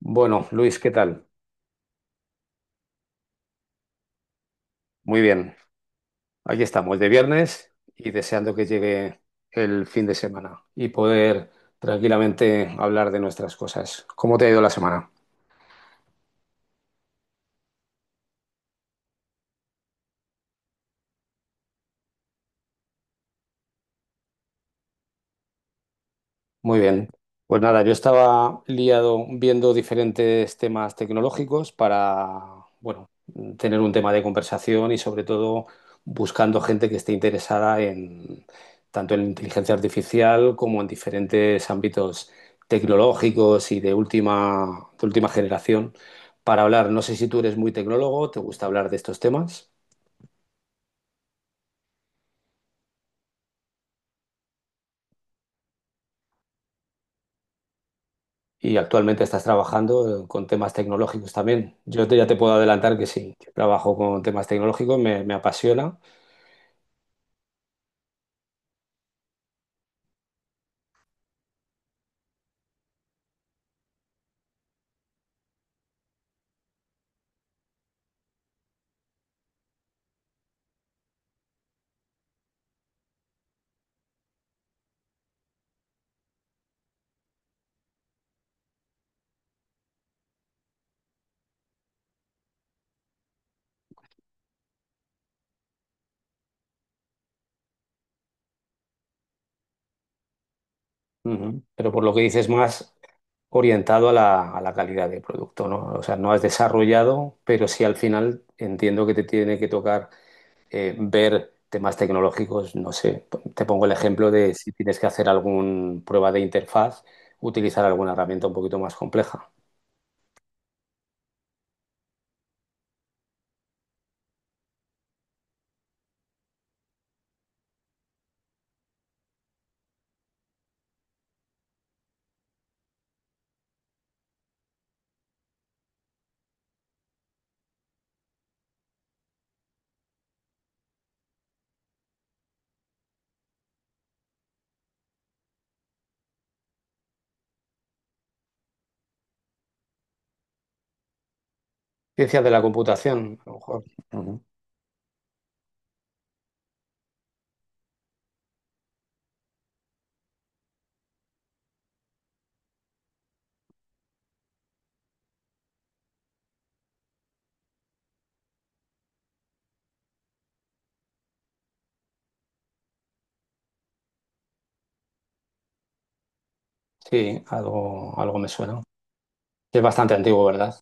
Bueno, Luis, ¿qué tal? Muy bien. Aquí estamos, de viernes y deseando que llegue el fin de semana y poder tranquilamente hablar de nuestras cosas. ¿Cómo te ha ido la semana? Muy bien. Pues nada, yo estaba liado viendo diferentes temas tecnológicos para, bueno, tener un tema de conversación y sobre todo buscando gente que esté interesada en tanto en inteligencia artificial como en diferentes ámbitos tecnológicos y de última generación para hablar. No sé si tú eres muy tecnólogo, ¿te gusta hablar de estos temas? Y actualmente estás trabajando con temas tecnológicos también. Ya te puedo adelantar que sí, que trabajo con temas tecnológicos, me apasiona. Ujú. Pero por lo que dices más orientado a a la calidad del producto, ¿no? O sea, no has desarrollado, pero sí al final entiendo que te tiene que tocar ver temas tecnológicos, no sé, te pongo el ejemplo de si tienes que hacer alguna prueba de interfaz, utilizar alguna herramienta un poquito más compleja. Ciencias de la computación, a lo mejor. Ujú. Sí, algo me suena. Es bastante antiguo, ¿verdad?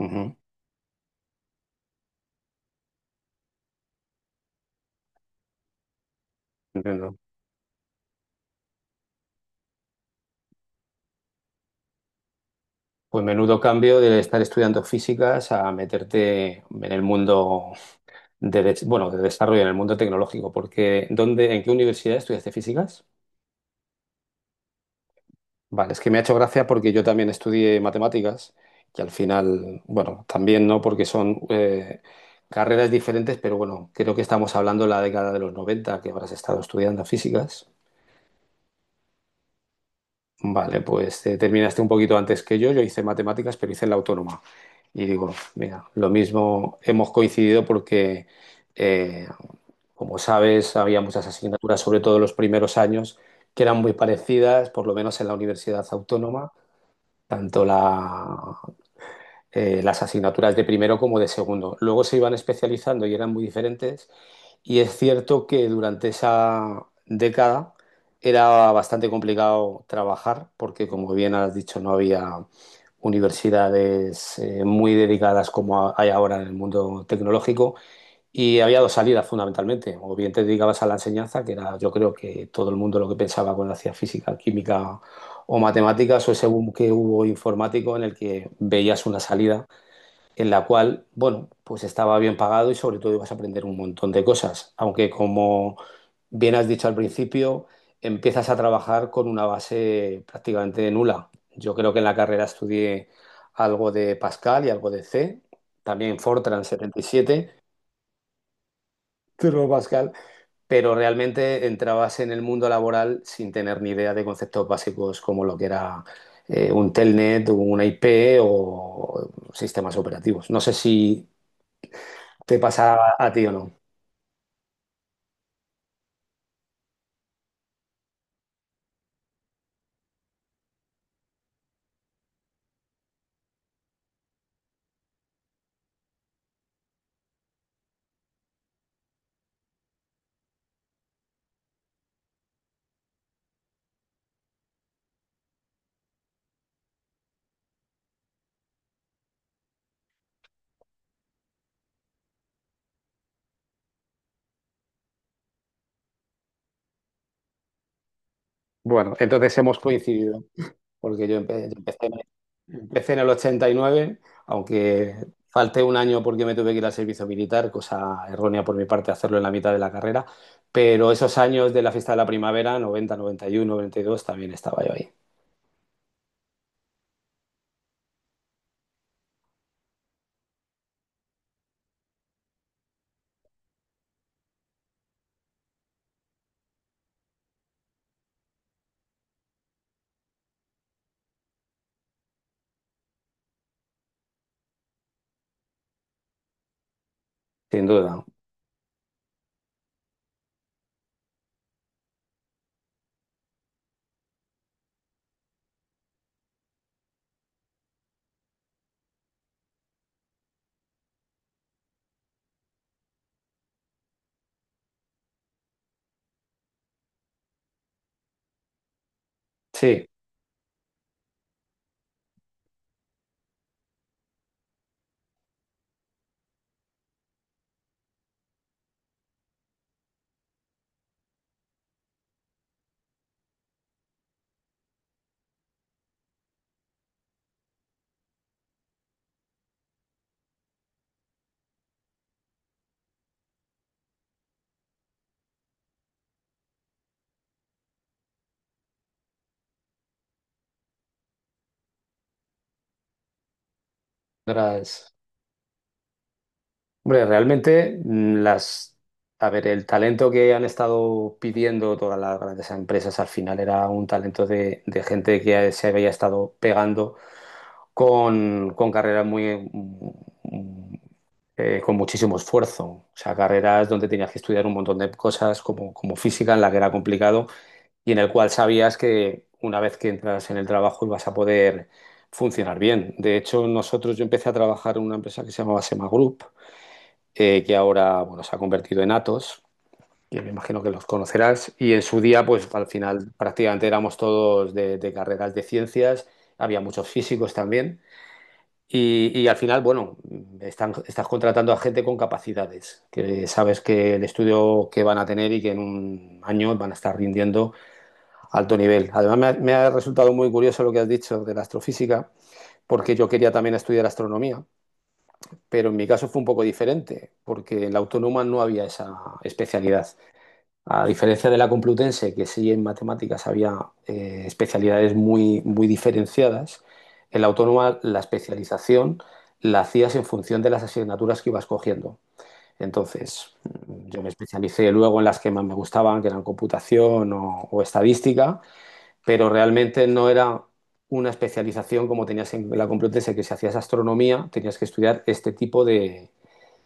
Ujú, entiendo. Pues menudo cambio de estar estudiando físicas a meterte en el mundo bueno, de desarrollo, en el mundo tecnológico, porque ¿dónde, en qué universidad estudiaste físicas? Vale, es que me ha hecho gracia porque yo también estudié matemáticas, que al final, bueno, también no, porque son carreras diferentes, pero bueno, creo que estamos hablando de la década de los 90 que habrás estado estudiando físicas. Vale, pues terminaste un poquito antes que yo. Yo hice matemáticas, pero hice la autónoma. Y digo, mira, lo mismo hemos coincidido porque, eh, como sabes, había muchas asignaturas, sobre todo en los primeros años, que eran muy parecidas, por lo menos en la universidad autónoma, tanto la las asignaturas de primero como de segundo. Luego se iban especializando y eran muy diferentes. Y es cierto que durante esa década era bastante complicado trabajar porque, como bien has dicho, no había universidades muy dedicadas como hay ahora en el mundo tecnológico y había dos salidas fundamentalmente. O bien te dedicabas a la enseñanza, que era yo creo que todo el mundo lo que pensaba cuando hacía física, química o matemáticas, o ese boom que hubo informático en el que veías una salida en la cual, bueno, pues estaba bien pagado y sobre todo ibas a aprender un montón de cosas, aunque como bien has dicho al principio, empiezas a trabajar con una base prácticamente nula. Yo creo que en la carrera estudié algo de Pascal y algo de C, también Fortran 77, Turbo Pascal, pero realmente entrabas en el mundo laboral sin tener ni idea de conceptos básicos como lo que era un telnet, una IP o sistemas operativos. No sé si ¿te pasa a ti o no? Bueno, entonces hemos coincidido, porque yo, empecé, empecé en el 89, aunque falté un año porque me tuve que ir al servicio militar, cosa errónea por mi parte hacerlo en la mitad de la carrera, pero esos años de la fiesta de la primavera, 90, 91, 92, también estaba yo ahí, sin duda. Sí, gracias. Hombre, realmente a ver, el talento que han estado pidiendo todas las grandes empresas al final era un talento de gente que se había estado pegando con carreras con muchísimo esfuerzo. O sea, carreras donde tenías que estudiar un montón de cosas como, como física, en la que era complicado y en el cual sabías que una vez que entras en el trabajo ibas a poder funcionar bien. De hecho, nosotros, yo empecé a trabajar en una empresa que se llamaba Sema Group que ahora, bueno, se ha convertido en Atos, que me imagino que los conocerás, y en su día, pues al final prácticamente éramos todos de carreras de ciencias, había muchos físicos también, y al final, bueno, estás contratando a gente con capacidades, que sabes que el estudio que van a tener y que en un año van a estar rindiendo alto nivel. Además, me ha resultado muy curioso lo que has dicho de la astrofísica, porque yo quería también estudiar astronomía pero en mi caso fue un poco diferente, porque en la autónoma no había esa especialidad. A diferencia de la Complutense, que sí en matemáticas había especialidades muy diferenciadas, en la autónoma la especialización la hacías en función de las asignaturas que ibas cogiendo. Entonces, yo me especialicé luego en las que más me gustaban, que eran computación o estadística, pero realmente no era una especialización como tenías en la Complutense, que si hacías astronomía tenías que estudiar este tipo de,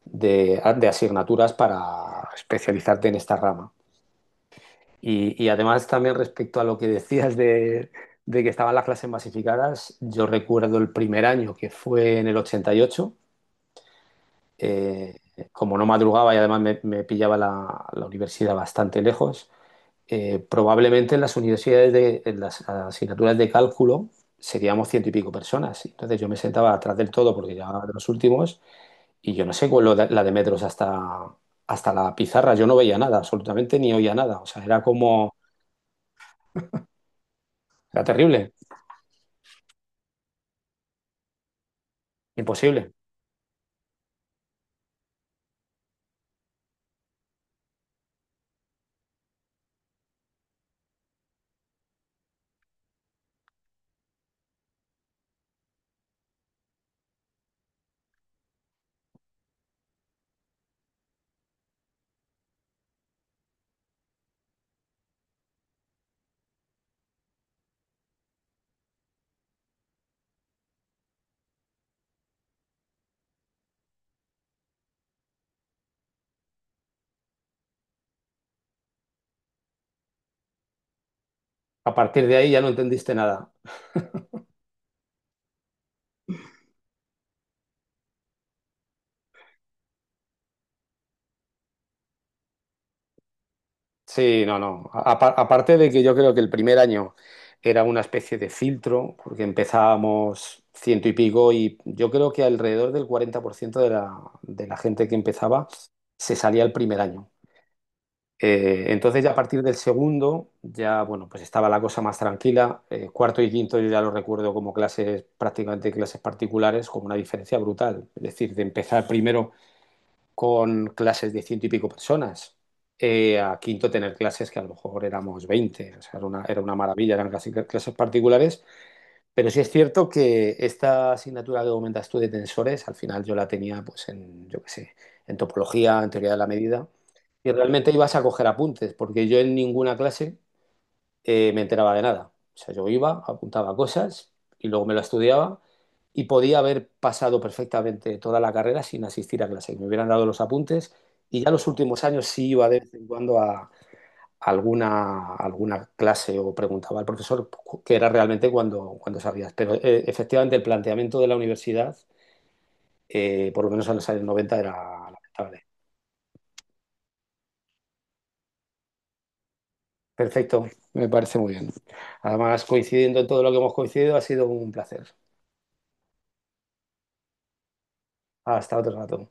de, de asignaturas para especializarte en esta rama. Y además también respecto a lo que decías de que estaban las clases masificadas, yo recuerdo el primer año que fue en el 88, eh, como no madrugaba y además me pillaba la universidad bastante lejos, probablemente en las universidades, en las asignaturas de cálculo, seríamos ciento y pico personas. Entonces yo me sentaba atrás del todo porque ya era de los últimos y yo no sé cuál era la de metros hasta la pizarra. Yo no veía nada, absolutamente ni oía nada. O sea, era como, era terrible, imposible. A partir de ahí ya no entendiste nada. Sí, no, no. Aparte de que yo creo que el primer año era una especie de filtro, porque empezábamos ciento y pico y yo creo que alrededor del 40% de de la gente que empezaba se salía el primer año. Entonces ya a partir del segundo, ya bueno, pues estaba la cosa más tranquila. Cuarto y quinto yo ya lo recuerdo como clases, prácticamente clases particulares, con una diferencia brutal. Es decir, de empezar primero con clases de ciento y pico personas, a quinto tener clases que a lo mejor éramos 20. O sea, era una maravilla, eran casi clases particulares, pero sí es cierto que esta asignatura que comentas tú de tensores, al final yo la tenía pues en, yo qué sé, en topología, en teoría de la medida, y realmente ibas a coger apuntes, porque yo en ninguna clase me enteraba de nada. O sea, yo iba, apuntaba cosas y luego me lo estudiaba y podía haber pasado perfectamente toda la carrera sin asistir a clase, que me hubieran dado los apuntes y ya los últimos años sí iba de vez en cuando a, alguna clase o preguntaba al profesor qué era realmente cuando, cuando sabías. Pero efectivamente el planteamiento de la universidad, por lo menos en los años 90, era lamentable. Perfecto, me parece muy bien. Además, coincidiendo en todo lo que hemos coincidido, ha sido un placer. Hasta otro rato.